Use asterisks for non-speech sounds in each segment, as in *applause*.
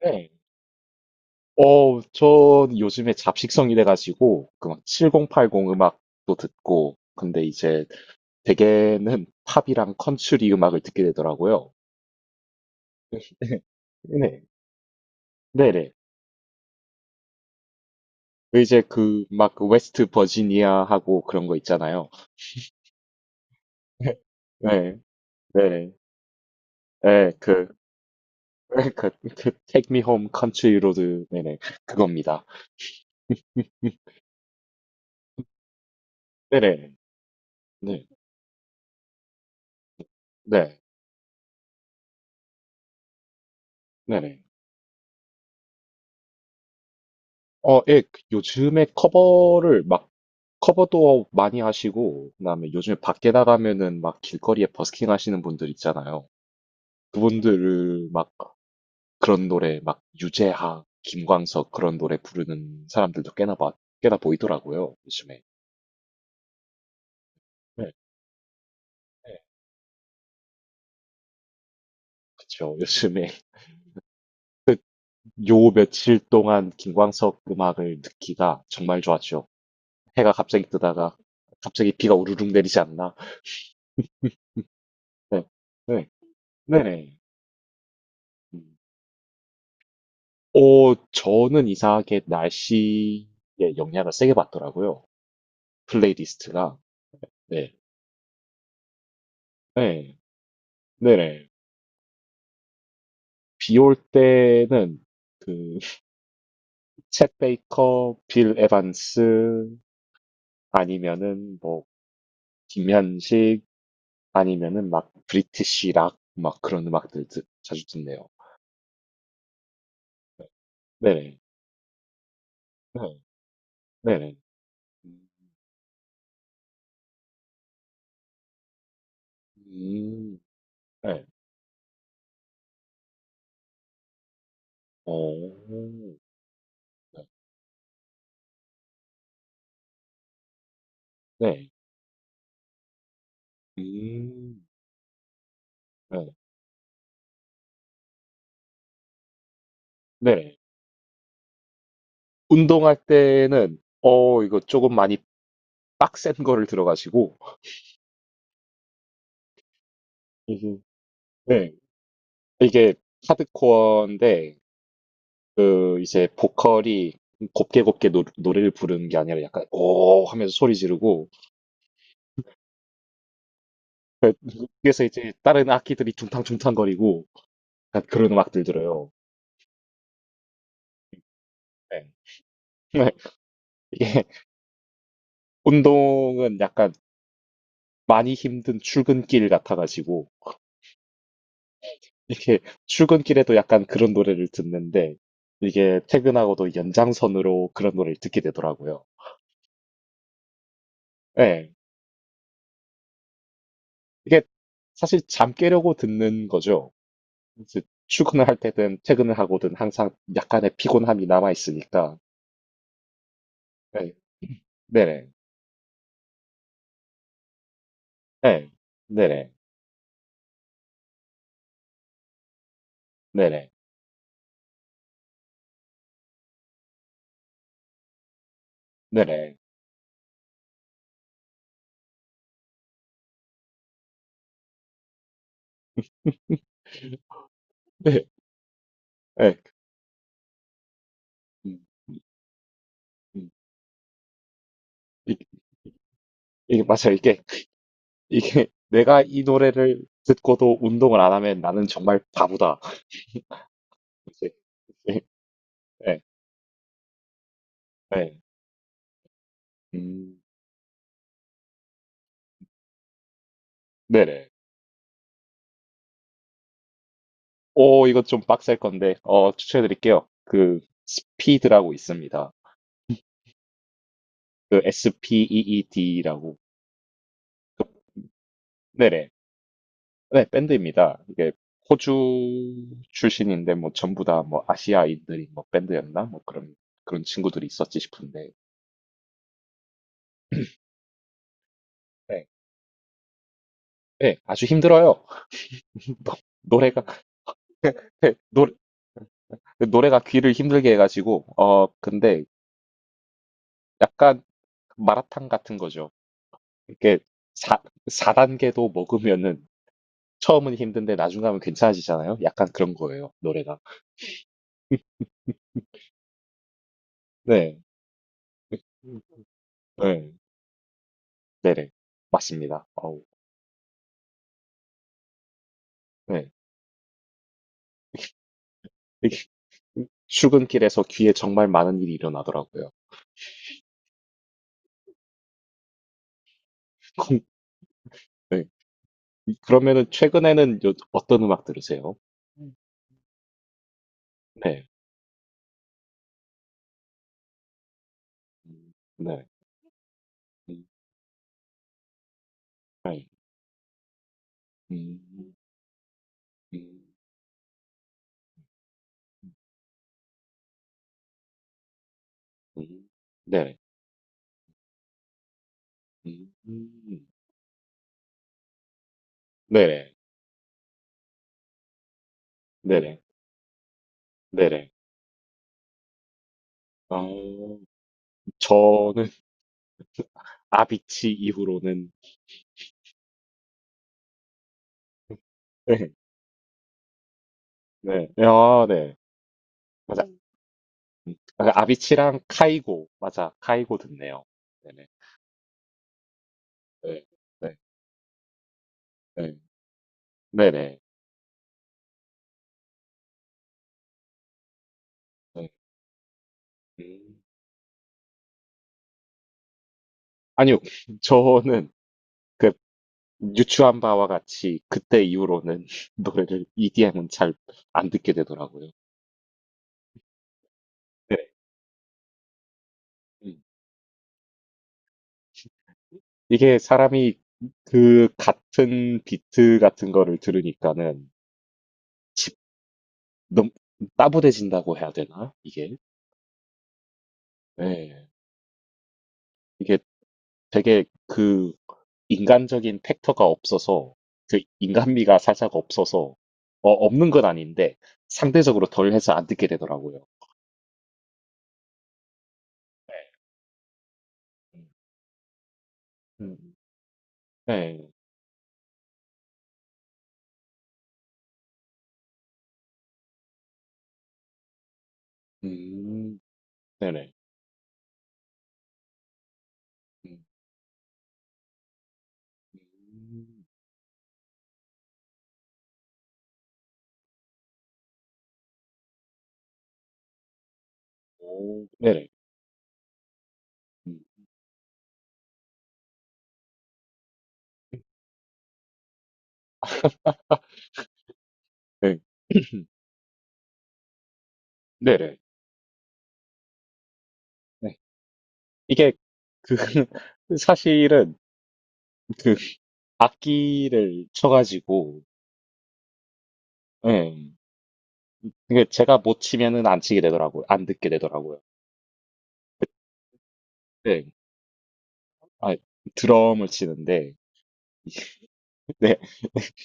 네. 전 요즘에 잡식성이 돼가지고, 그 막 7080 음악도 듣고, 근데 이제 대개는 팝이랑 컨츄리 음악을 듣게 되더라고요. *laughs* 네. 네네. 그 이제 그막 그 웨스트 버지니아하고 그런 거 있잖아요. *laughs* 네, 네, 네, 그, *laughs* 그, Take Me Home Country Road, 네네, 그겁니다. *laughs* 네네, 네, 네, 네네. 예, 그 요즘에 커버를 막 커버도 많이 하시고, 그다음에 요즘에 밖에 나가면은 막 길거리에 버스킹 하시는 분들 있잖아요. 그분들을 막 그런 노래, 막 유재하, 김광석 그런 노래 부르는 사람들도 꽤나 보이더라고요, 요즘에. 네, 네, 그쵸. 요즘에 *laughs* 요 며칠 동안 김광석 음악을 듣기가 정말 좋았죠. 해가 갑자기 뜨다가 갑자기 비가 우르릉 내리지 않나? 네, 네, 네네. 음. 저는 이상하게 날씨에 영향을 세게 받더라고요. 플레이리스트가. 네. 네. 네네. 비올 때는 그, *laughs* 챗 베이커, 빌 에반스, 아니면은 뭐, 김현식, 아니면은 막, 브리티시 락, 막 그런 자주 듣네요. 네. 네네. 네. 네네. 음, 네. 어, 네. 네. 음, 네. 네네. 운동할 때는 이거 조금 많이 빡센 거를 들어가시고 흠 네. 이게 하드코어인데 그 이제 보컬이 곱게 곱게 노 노래를 부르는 게 아니라 약간 "오." 하면서 소리 지르고 그 그래서 이제 다른 악기들이 둥탕둥탕거리고 약간 그런 음악들 들어요. 네. 네. *laughs* 이게 운동은 약간 많이 힘든 출근길 같아 가지고 이렇게 출근길에도 약간 그런 노래를 듣는데 이게 퇴근하고도 연장선으로 그런 노래를 듣게 되더라고요. 예. 이게 사실 잠 깨려고 듣는 거죠. 이제 출근을 할 때든 퇴근을 하고든 항상 약간의 피곤함이 남아 있으니까. 예. 네네. 예. 네네. 네네. 네네. *laughs* 네. 예. 음, 음. 이- 이게 맞아요. 이게 내가 이 노래를 듣고도 운동을 안 하면 나는 정말 바보다. *laughs* 이제, 예. 예. 예. 음, 네네. 오, 이거 좀 빡셀 건데, 추천해 드릴게요. 그, 스피드라고 있습니다. 그, SPEED라고. 네네. 네, 밴드입니다. 이게, 호주 출신인데, 뭐, 전부 다, 뭐, 아시아인들이, 뭐, 밴드였나? 뭐, 그런 친구들이 있었지 싶은데. 네, 네, 아주 힘들어요. *laughs* 노- 노래가, *laughs* 노래, 노래가 귀를 힘들게 해가지고, 근데, 약간, 마라탕 같은 거죠. 이게, 사 4단계도 먹으면은 처음은 힘든데 나중 가면 괜찮아지잖아요. 약간 그런 거예요, 노래가. 네. 음. 네. 네네. 맞습니다. 어우 네. 이게 출근길에서 귀에 정말 많은 일이 일어나더라고요. 콩 네. 이 그러면은 최근에는 요 어떤 음악 들으세요? 음. 네. 음. 네. 음. 네. 음. 음. 음. 네. 음. 네네. 네네. 네네. 어 저는 아비치 이후로는 네. 네. 아 네. 맞아. 아, 그 아비치랑 카이고. 맞아. 카이고 듣네요. 네네. 네. 네. 네. 네네. 네. 음. 아니요. 저는 그 유추한 바와 같이 그때 이후로는 *laughs* 노래를 EDM은 잘 안 듣게 되더라고요. 네. 음. 이게 사람이 그 같은 비트 같은 거를 들으니까는 집, 너무 따분해진다고 해야 되나? 이게. 네. 이게 되게 그 인간적인 팩터가 없어서 그 인간미가 살짝 없어서 없는 건 아닌데 상대적으로 덜 해서 안 듣게 되더라고요. 네. 음. 네. 음. 네네. 음. 음. 오. 네네. 음. 네. *clears throat* 네네. 네. 이게 그 *laughs* 사실은 그 악기를 쳐가지고 예. 이게 제가 못 치면은 안 치게 되더라고요. 안 듣게 되더라고요. 네. 아, 드럼을 치는데, *laughs* 네,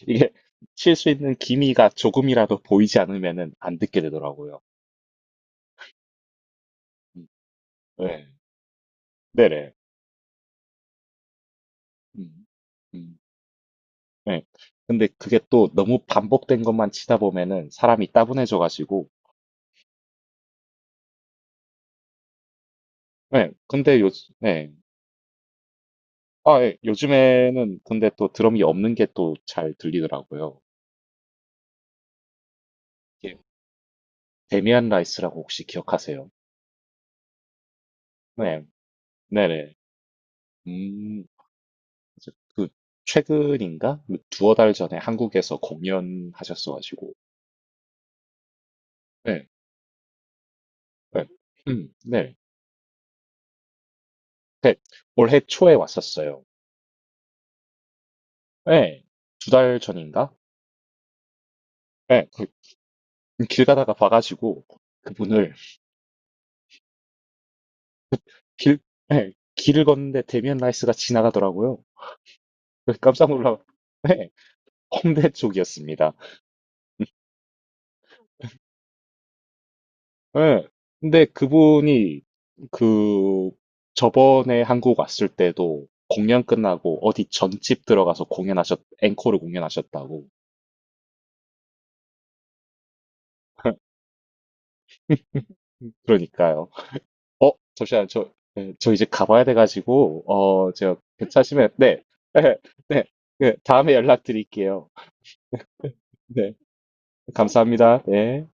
이게 칠 수 있는 기미가 조금이라도 보이지 않으면은 안 듣게 되더라고요. 음, 네, 네네. 음, 음, 네. 근데 그게 또 너무 반복된 것만 치다 보면은 사람이 따분해져가지고, 네, 근데 요, 네. 아, 예, 요즘에는 근데 또 드럼이 없는 게 또 잘 들리더라고요. 이게 데미안 라이스라고 혹시 기억하세요? 네, 네네. 음, 그래서 그 최근인가? 뭐 두어 달 전에 한국에서 공연하셨어가지고. 네, 네. 네. 네, 올해 초에 왔었어요. 네, 두 달 전인가? 네, 그길 가다가 봐가지고 그분을 길, 네, 길을 걷는데 데미안 라이스가 지나가더라고요. 그래서 깜짝 놀라, 네, 홍대 쪽이었습니다. 예. 근데 그분이 그 저번에 한국 왔을 때도 공연 끝나고 어디 전집 들어가서 앵콜을 공연하셨다고. *laughs* 그러니까요. 잠시만, 저, 예, 저 이제 가봐야 돼가지고, 제가 괜찮으시면, 네, *laughs* 네, 네, 네, 다음에 연락드릴게요. 네, 감사합니다. 네.